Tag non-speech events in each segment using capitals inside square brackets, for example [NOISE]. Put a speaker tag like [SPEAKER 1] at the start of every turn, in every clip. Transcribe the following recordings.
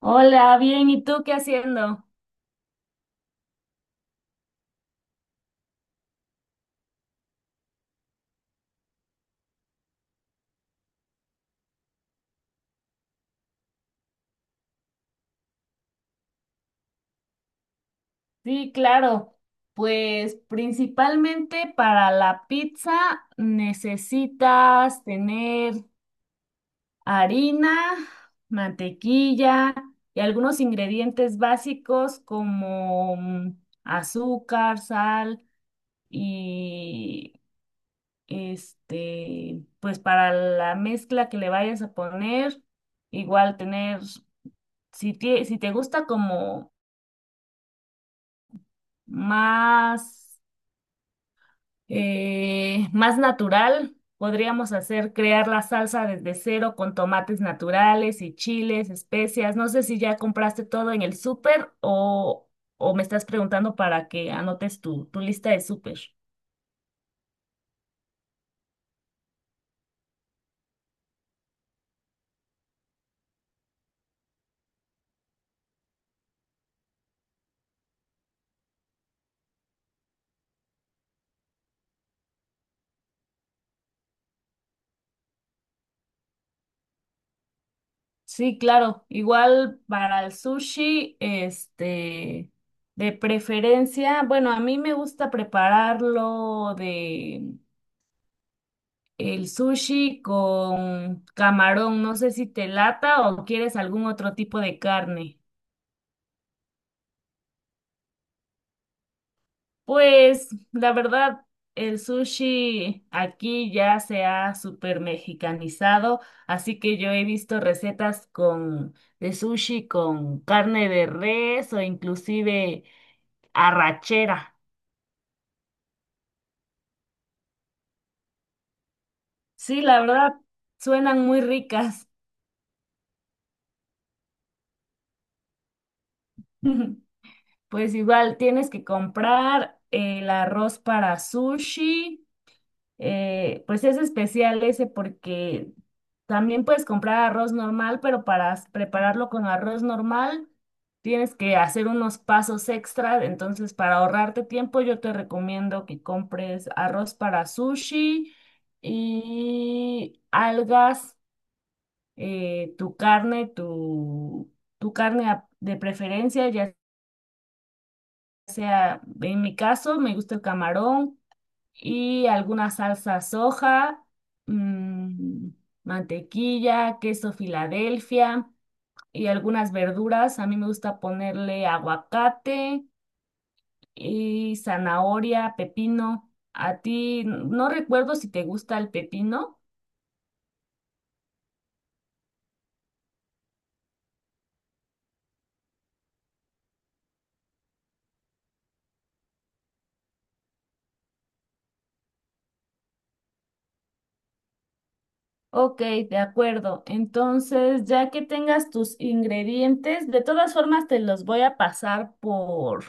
[SPEAKER 1] Hola, bien, ¿y tú qué haciendo? Sí, claro. Pues principalmente para la pizza necesitas tener harina, mantequilla y algunos ingredientes básicos como azúcar, sal y pues para la mezcla que le vayas a poner, igual tener, si te gusta como más más natural. Podríamos hacer crear la salsa desde cero con tomates naturales y chiles, especias. No sé si ya compraste todo en el súper, o me estás preguntando para que anotes tu lista de súper. Sí, claro. Igual para el sushi, de preferencia, bueno, a mí me gusta prepararlo de el sushi con camarón. No sé si te lata o quieres algún otro tipo de carne. Pues la verdad, el sushi aquí ya se ha super mexicanizado, así que yo he visto recetas con de sushi con carne de res o inclusive arrachera. Sí, la verdad, suenan muy ricas. [LAUGHS] Pues igual tienes que comprar el arroz para sushi. Pues es especial ese porque también puedes comprar arroz normal, pero para prepararlo con arroz normal tienes que hacer unos pasos extra. Entonces, para ahorrarte tiempo, yo te recomiendo que compres arroz para sushi y algas, tu carne, tu carne de preferencia, ya sea, en mi caso, me gusta el camarón y alguna salsa soja, mm, mantequilla, queso Filadelfia y algunas verduras. A mí me gusta ponerle aguacate y zanahoria, pepino. A ti no recuerdo si te gusta el pepino. Ok, de acuerdo. Entonces, ya que tengas tus ingredientes, de todas formas te los voy a pasar por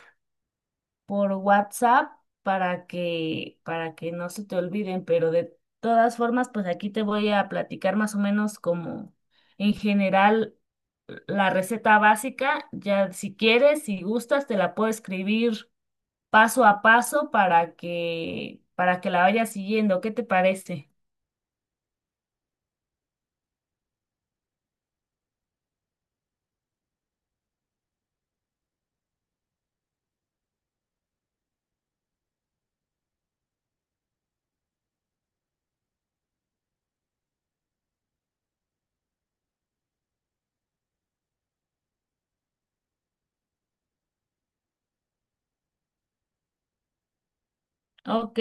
[SPEAKER 1] por WhatsApp para que, no se te olviden, pero de todas formas, pues aquí te voy a platicar más o menos como en general la receta básica. Ya si quieres, si gustas, te la puedo escribir paso a paso para que la vayas siguiendo. ¿Qué te parece? Ok,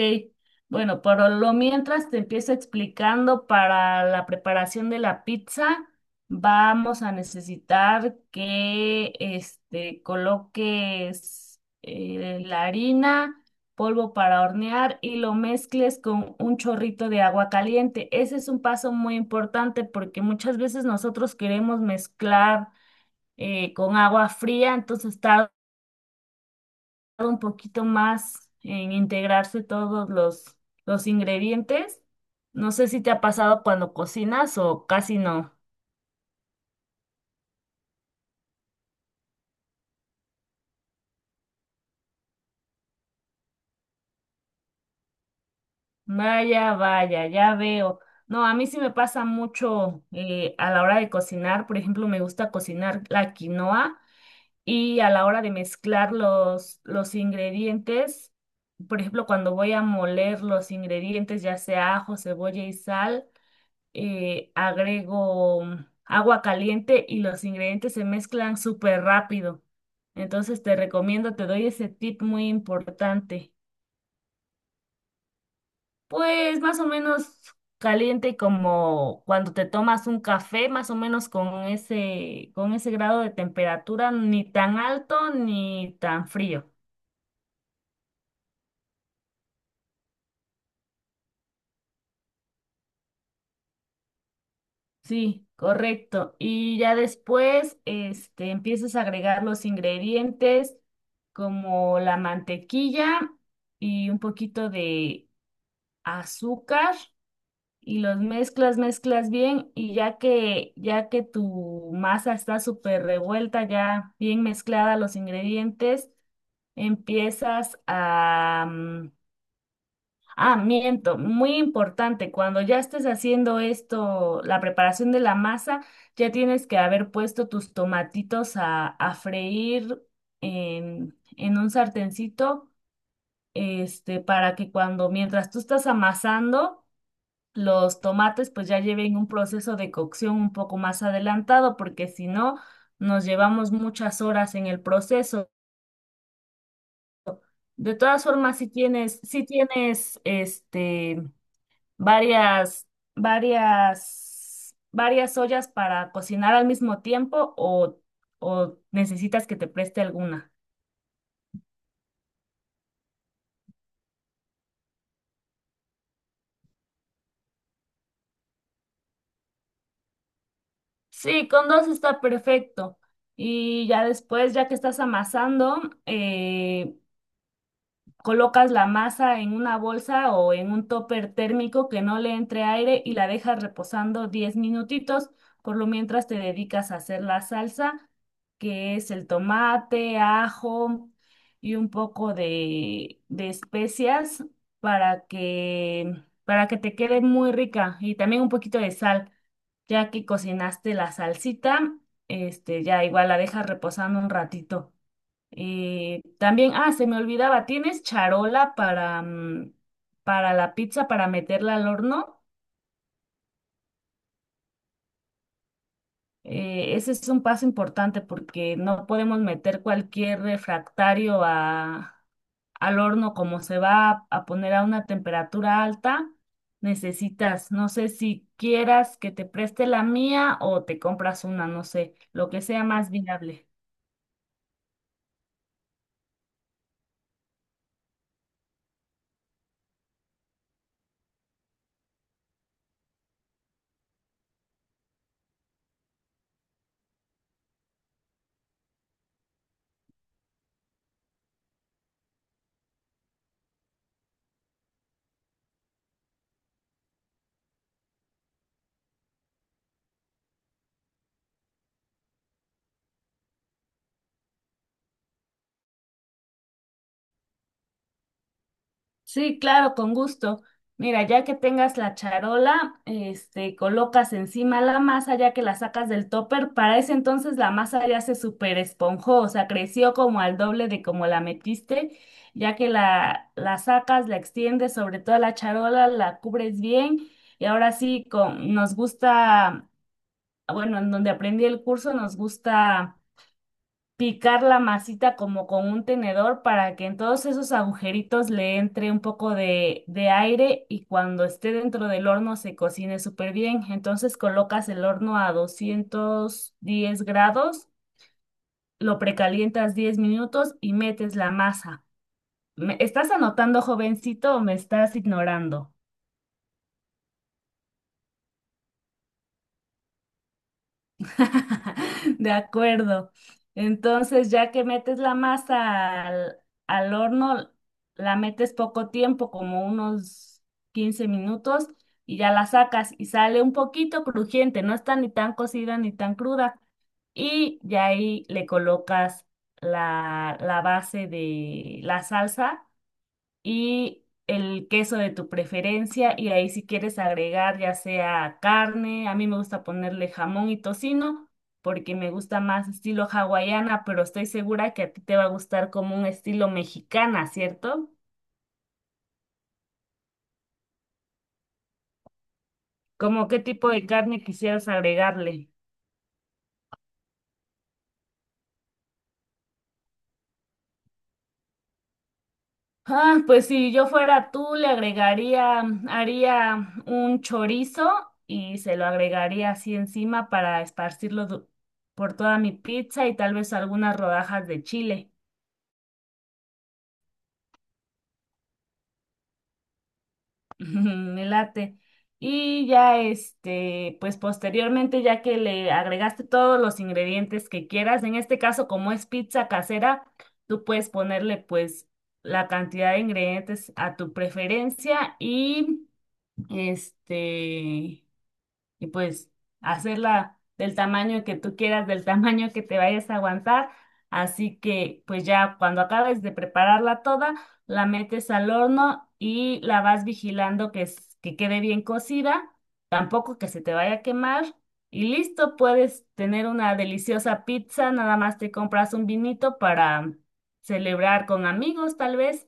[SPEAKER 1] bueno, pero lo mientras te empiezo explicando para la preparación de la pizza, vamos a necesitar que coloques la harina, polvo para hornear y lo mezcles con un chorrito de agua caliente. Ese es un paso muy importante porque muchas veces nosotros queremos mezclar con agua fría, entonces tarda un poquito más en integrarse todos los ingredientes. No sé si te ha pasado cuando cocinas o casi no. Vaya, vaya, ya veo. No, a mí sí me pasa mucho a la hora de cocinar. Por ejemplo, me gusta cocinar la quinoa y a la hora de mezclar los ingredientes, por ejemplo, cuando voy a moler los ingredientes, ya sea ajo, cebolla y sal. Agrego agua caliente y los ingredientes se mezclan súper rápido. Entonces te recomiendo, te doy ese tip muy importante. Pues más o menos caliente como cuando te tomas un café, más o menos con ese, grado de temperatura, ni tan alto ni tan frío. Sí, correcto. Y ya después, empiezas a agregar los ingredientes como la mantequilla y un poquito de azúcar y los mezclas bien, y ya que tu masa está súper revuelta, ya bien mezclada los ingredientes, empiezas a mm, ah, miento, muy importante, cuando ya estés haciendo esto, la preparación de la masa, ya tienes que haber puesto tus tomatitos a freír en un sartencito, para que cuando, mientras tú estás amasando, los tomates pues ya lleven un proceso de cocción un poco más adelantado, porque si no, nos llevamos muchas horas en el proceso. De todas formas, si tienes, si tienes, varias, varias ollas para cocinar al mismo tiempo o necesitas que te preste alguna? Sí, con dos está perfecto. Y ya después, ya que estás amasando, eh, colocas la masa en una bolsa o en un topper térmico que no le entre aire y la dejas reposando 10 minutitos. Por lo mientras te dedicas a hacer la salsa, que es el tomate, ajo y un poco de especias para que, para que te quede muy rica y también un poquito de sal. Ya que cocinaste la salsita, ya igual la dejas reposando un ratito. También, ah, se me olvidaba, ¿tienes charola para la pizza, para meterla al horno? Ese es un paso importante porque no podemos meter cualquier refractario al horno, como se va a poner a una temperatura alta. Necesitas, no sé si quieras que te preste la mía o te compras una, no sé, lo que sea más viable. Sí, claro, con gusto. Mira, ya que tengas la charola, colocas encima la masa ya que la sacas del topper. Para ese entonces la masa ya se super esponjó, o sea, creció como al doble de como la metiste. Ya que la sacas, la extiendes sobre toda la charola, la cubres bien. Y ahora sí, bueno, en donde aprendí el curso, nos gusta picar la masita como con un tenedor para que en todos esos agujeritos le entre un poco de aire y cuando esté dentro del horno se cocine súper bien. Entonces colocas el horno a 210 grados, lo precalientas 10 minutos y metes la masa. ¿Me estás anotando, jovencito, o me estás ignorando? [LAUGHS] De acuerdo. Entonces, ya que metes la masa al horno, la metes poco tiempo, como unos 15 minutos, y ya la sacas y sale un poquito crujiente, no está ni tan cocida ni tan cruda. Y ya ahí le colocas la base de la salsa y el queso de tu preferencia, y ahí si quieres agregar ya sea carne, a mí me gusta ponerle jamón y tocino porque me gusta más estilo hawaiana, pero estoy segura que a ti te va a gustar como un estilo mexicana, ¿cierto? ¿Cómo qué tipo de carne quisieras agregarle? Ah, pues si yo fuera tú, haría un chorizo y se lo agregaría así encima para esparcirlo por toda mi pizza, y tal vez algunas rodajas de chile. [LAUGHS] Me late. Y ya pues posteriormente, ya que le agregaste todos los ingredientes que quieras, en este caso, como es pizza casera, tú puedes ponerle pues la cantidad de ingredientes a tu preferencia, y este, pues hacerla del tamaño que tú quieras, del [LAUGHS] tamaño que te vayas a aguantar. Así que pues ya cuando acabes de prepararla toda, la metes al horno y la vas vigilando que, que quede bien cocida, tampoco que se te vaya a quemar. Y listo, puedes tener una deliciosa pizza, nada más te compras un vinito para celebrar con amigos, tal vez.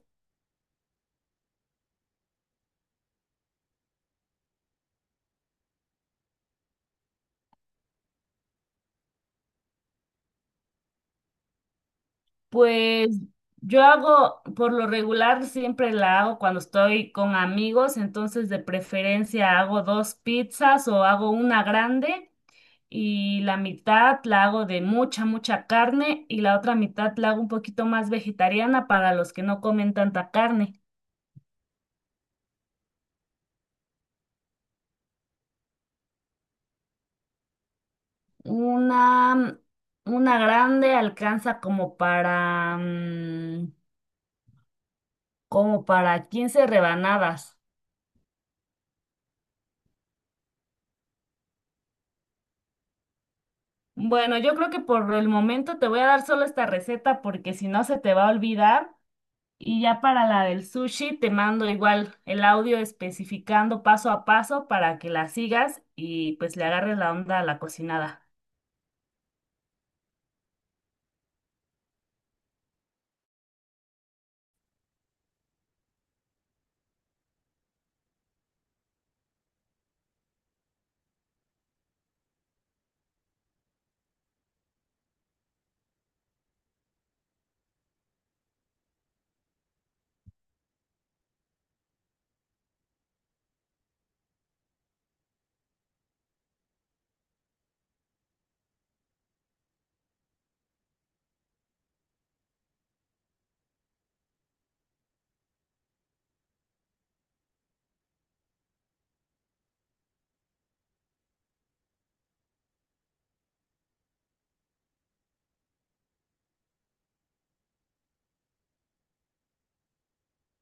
[SPEAKER 1] Pues yo hago, por lo regular, siempre la hago cuando estoy con amigos, entonces de preferencia hago dos pizzas o hago una grande y la mitad la hago de mucha, mucha carne y la otra mitad la hago un poquito más vegetariana para los que no comen tanta carne. Una, una grande alcanza como para 15 rebanadas. Bueno, yo creo que por el momento te voy a dar solo esta receta porque si no se te va a olvidar. Y ya para la del sushi te mando igual el audio especificando paso a paso para que la sigas y pues le agarres la onda a la cocinada.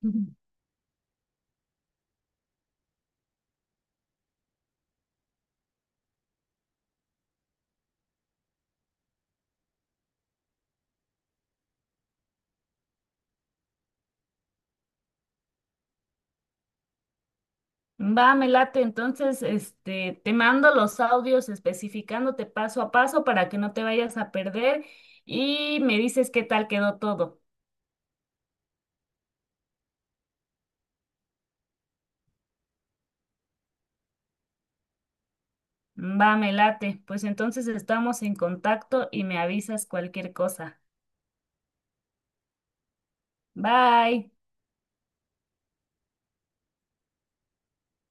[SPEAKER 1] Ujú. Va, me late. Entonces, te mando los audios especificándote paso a paso para que no te vayas a perder y me dices qué tal quedó todo. Va, me late. Pues entonces estamos en contacto y me avisas cualquier cosa. Bye.